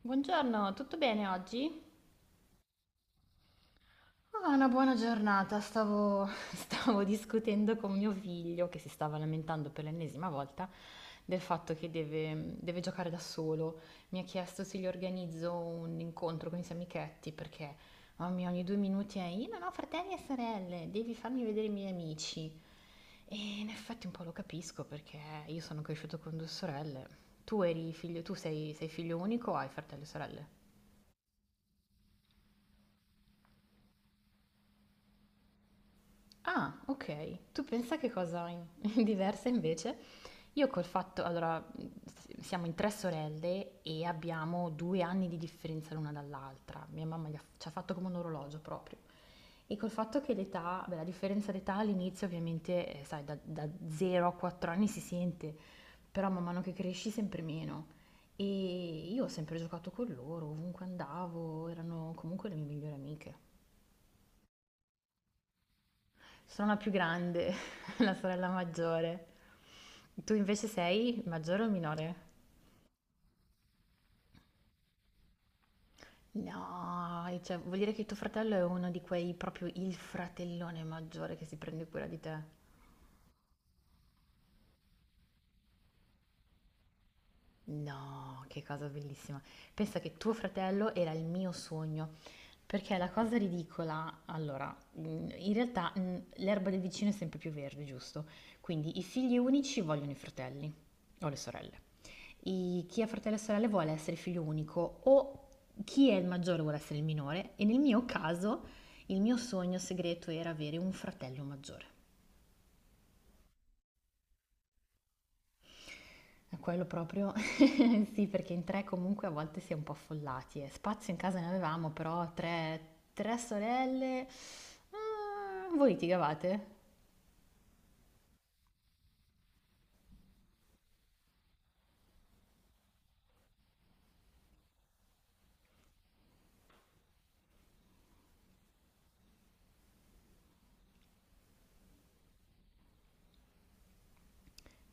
Buongiorno, tutto bene oggi? Ah, una buona giornata. Stavo, stavo discutendo con mio figlio che si stava lamentando per l'ennesima volta del fatto che deve giocare da solo. Mi ha chiesto se gli organizzo un incontro con i suoi amichetti perché, mamma mia, ogni 2 minuti è io non ho fratelli e sorelle, devi farmi vedere i miei amici. E in effetti un po' lo capisco perché io sono cresciuto con due sorelle. Tu eri figlio, tu sei figlio unico o hai fratelli e sorelle? Ah, ok. Tu pensa che cosa in- diversa invece? Io col fatto, allora, siamo in tre sorelle e abbiamo 2 anni di differenza l'una dall'altra. Mia mamma ci ha fatto come un orologio proprio. E col fatto che l'età, beh, la differenza d'età all'inizio ovviamente, sai, da 0 a 4 anni si sente, però man mano che cresci sempre meno. E io ho sempre giocato con loro, ovunque andavo, erano comunque le mie migliori amiche. Sono la più grande, la sorella maggiore. Tu invece sei maggiore o minore? No, cioè, vuol dire che tuo fratello è uno di quei proprio il fratellone maggiore che si prende cura di te. No, che cosa bellissima. Pensa che tuo fratello era il mio sogno, perché la cosa ridicola, allora, in realtà l'erba del vicino è sempre più verde, giusto? Quindi i figli unici vogliono i fratelli o le sorelle. Chi ha fratelli e sorelle vuole essere figlio unico o chi è il maggiore vuole essere il minore e nel mio caso il mio sogno segreto era avere un fratello maggiore. E quello proprio sì, perché in tre comunque a volte si è un po' affollati. Spazio in casa ne avevamo, però tre sorelle. Voi litigavate?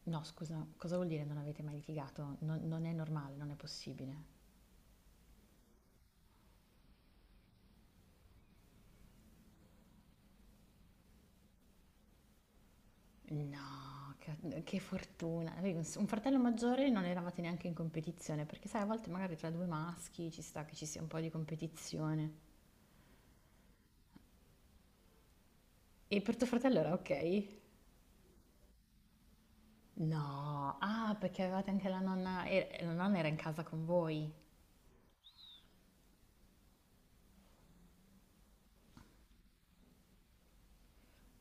No, scusa, cosa vuol dire non avete mai litigato? Non è normale, non è possibile. No, che fortuna. Avevi un fratello maggiore, non eravate neanche in competizione, perché sai, a volte magari tra due maschi ci sta che ci sia un po' di competizione. E per tuo fratello era ok? No, ah, perché avevate anche la nonna, e la nonna era in casa con voi.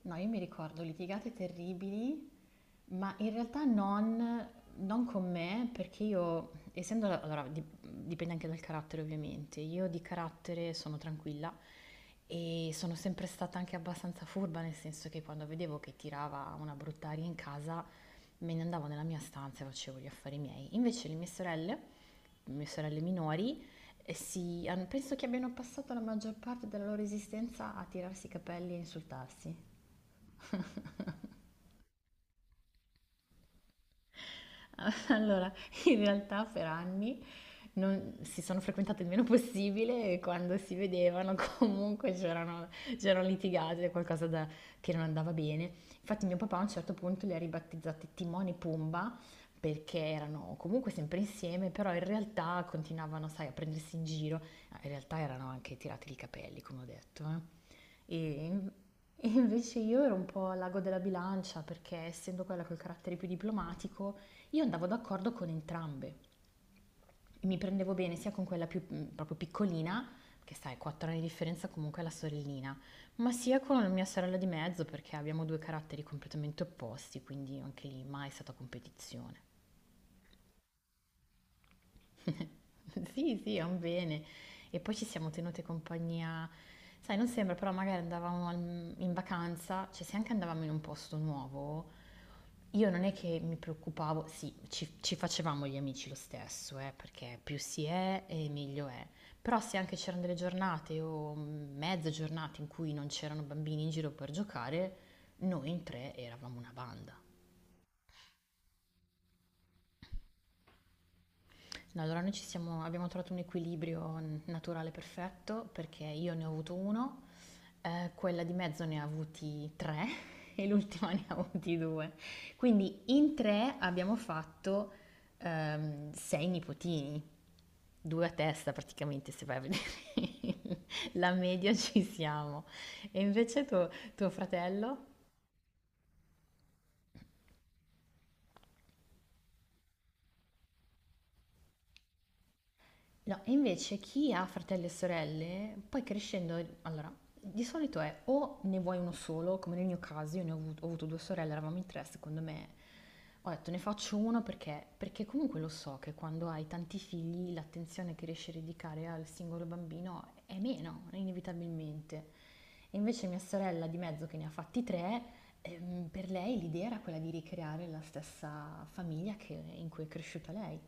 No, io mi ricordo litigate terribili. Ma in realtà non con me, perché io, essendo, allora, dipende anche dal carattere ovviamente, io di carattere sono tranquilla e sono sempre stata anche abbastanza furba, nel senso che quando vedevo che tirava una brutta aria in casa, me ne andavo nella mia stanza e facevo gli affari miei. Invece le mie sorelle minori, penso che abbiano passato la maggior parte della loro esistenza a tirarsi i capelli e insultarsi. Allora, in realtà per anni non si sono frequentate il meno possibile e quando si vedevano comunque c'erano litigate, che non andava bene. Infatti mio papà a un certo punto li ha ribattezzati Timone e Pumba perché erano comunque sempre insieme, però in realtà continuavano, sai, a prendersi in giro. Ah, in realtà erano anche tirati i capelli, come ho detto, eh. E, in- e invece io ero un po' al lago della bilancia perché essendo quella col carattere più diplomatico, io andavo d'accordo con entrambe. Mi prendevo bene sia con quella più proprio piccolina, che sai, 4 anni di differenza comunque è la sorellina, ma sia con la mia sorella di mezzo perché abbiamo due caratteri completamente opposti, quindi anche lì mai è stata competizione. Sì, sì, è un bene. E poi ci siamo tenute compagnia, sai, non sembra, però magari andavamo in vacanza, cioè se anche andavamo in un posto nuovo, io non è che mi preoccupavo, sì, ci facevamo gli amici lo stesso, perché più si è e meglio è. Però se anche c'erano delle giornate o mezze giornate in cui non c'erano bambini in giro per giocare, noi in tre eravamo una banda. No, allora noi abbiamo trovato un equilibrio naturale perfetto perché io ne ho avuto uno, quella di mezzo ne ha avuti tre e l'ultima ne ha avuti due. Quindi in tre abbiamo fatto sei nipotini, due a testa praticamente se vai a vedere la media ci siamo. E invece tuo fratello? No, e invece chi ha fratelli e sorelle, poi crescendo, allora, di solito è o ne vuoi uno solo, come nel mio caso, io ho avuto due sorelle, eravamo in tre, secondo me, ho detto ne faccio uno perché, comunque lo so che quando hai tanti figli l'attenzione che riesci a dedicare al singolo bambino è meno, inevitabilmente. E invece mia sorella di mezzo che ne ha fatti tre, per lei l'idea era quella di ricreare la stessa famiglia in cui è cresciuta lei.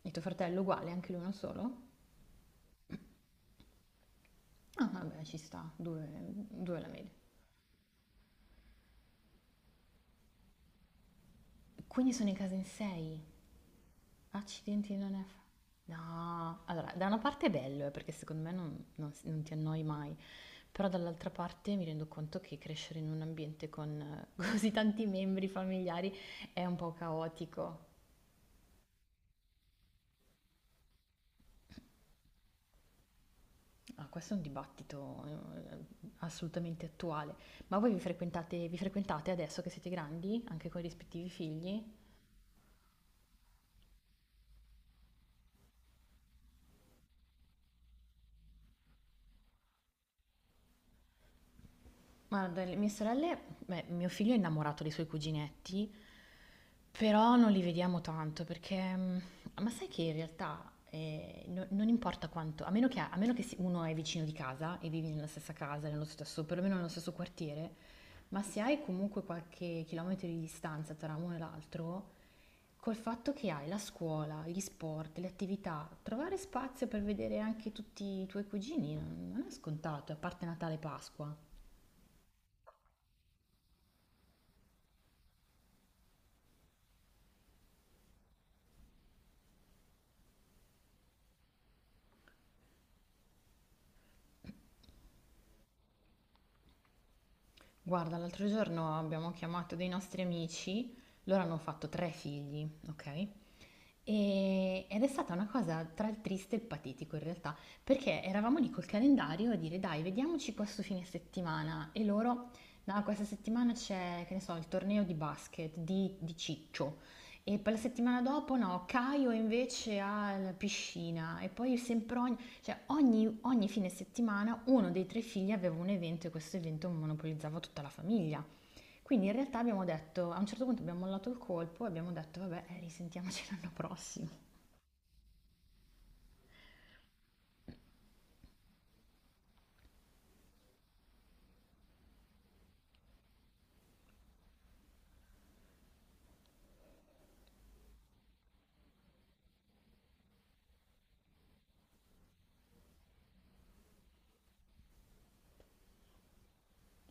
E tuo fratello uguale, anche lui uno solo? Ah, vabbè, ci sta, due, due la media. Quindi sono in casa in sei. Accidenti, non è. No, allora, da una parte è bello, perché secondo me non, non ti annoi mai, però dall'altra parte mi rendo conto che crescere in un ambiente con così tanti membri familiari è un po' caotico. Ah, questo è un dibattito assolutamente attuale. Ma voi vi frequentate adesso che siete grandi, anche con i rispettivi figli? Ma dalle mie sorelle, beh, mio figlio è innamorato dei suoi cuginetti. Però non li vediamo tanto perché, ma sai che in realtà non importa quanto, a meno che, uno è vicino di casa e vivi nella stessa casa, perlomeno nello stesso quartiere, ma se hai comunque qualche chilometro di distanza tra uno e l'altro, col fatto che hai la scuola, gli sport, le attività, trovare spazio per vedere anche tutti i tuoi cugini non è scontato, a parte Natale e Pasqua. Guarda, l'altro giorno abbiamo chiamato dei nostri amici, loro hanno fatto tre figli, ok? Ed è stata una cosa tra il triste e il patetico in realtà, perché eravamo lì col calendario a dire dai, vediamoci questo fine settimana e loro, no, questa settimana c'è, che ne so, il torneo di basket di Ciccio e poi la settimana dopo no, Caio invece ha la piscina e poi sempre cioè ogni fine settimana uno dei tre figli aveva un evento e questo evento monopolizzava tutta la famiglia. Quindi in realtà abbiamo detto, a un certo punto abbiamo mollato il colpo e abbiamo detto, vabbè, risentiamoci l'anno prossimo.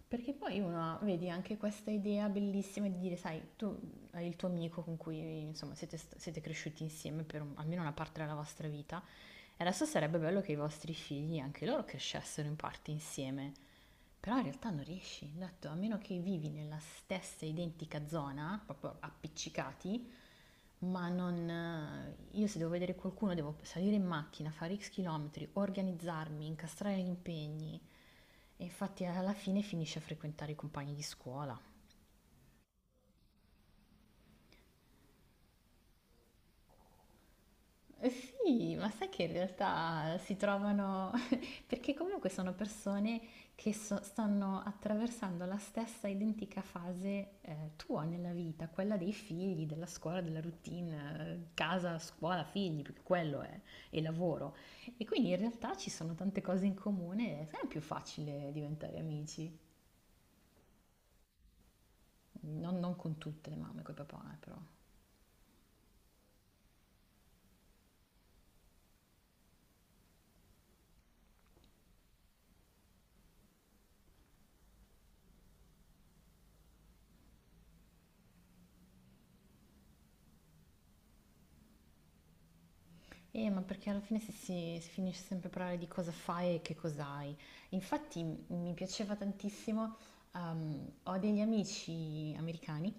Perché poi uno, vedi, anche questa idea bellissima di dire, sai, tu hai il tuo amico con cui, insomma, siete cresciuti insieme per almeno una parte della vostra vita, e adesso sarebbe bello che i vostri figli, anche loro, crescessero in parte insieme. Però in realtà non riesci, ho detto, a meno che vivi nella stessa identica zona, proprio appiccicati, ma non... io se devo vedere qualcuno devo salire in macchina, fare X chilometri, organizzarmi, incastrare gli impegni. E infatti alla fine finisce a frequentare i compagni di scuola. Eh sì, ma sai che in realtà si trovano, perché comunque sono persone che stanno attraversando la stessa identica fase tua nella vita, quella dei figli, della scuola, della routine, casa, scuola, figli, perché quello è, e lavoro. E quindi in realtà ci sono tante cose in comune, è sempre più facile diventare amici, non con tutte le mamme, con i papà, però. Ma perché alla fine si finisce sempre a parlare di cosa fai e che cos'hai. Infatti mi piaceva tantissimo, ho degli amici americani.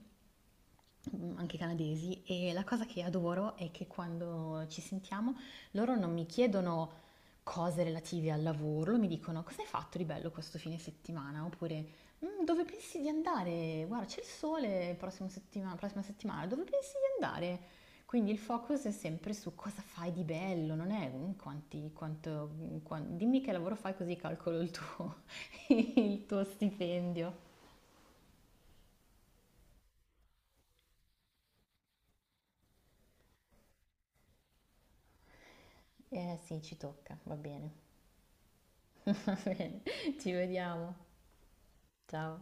Mhmm, Anche canadesi, e la cosa che adoro è che quando ci sentiamo loro non mi chiedono cose relative al lavoro, mi dicono: "Cosa hai fatto di bello questo fine settimana?" Oppure: Dove pensi di andare? Guarda c'è il sole il prossimo settima prossima settimana, dove pensi di andare?" Quindi il focus è sempre su cosa fai di bello, non è un quanti quanto mhmm, quan dimmi che lavoro fai così calcolo il tuo il tuo stipendio. Eh sì, ci tocca, va bene. Va bene, ci vediamo. Ciao.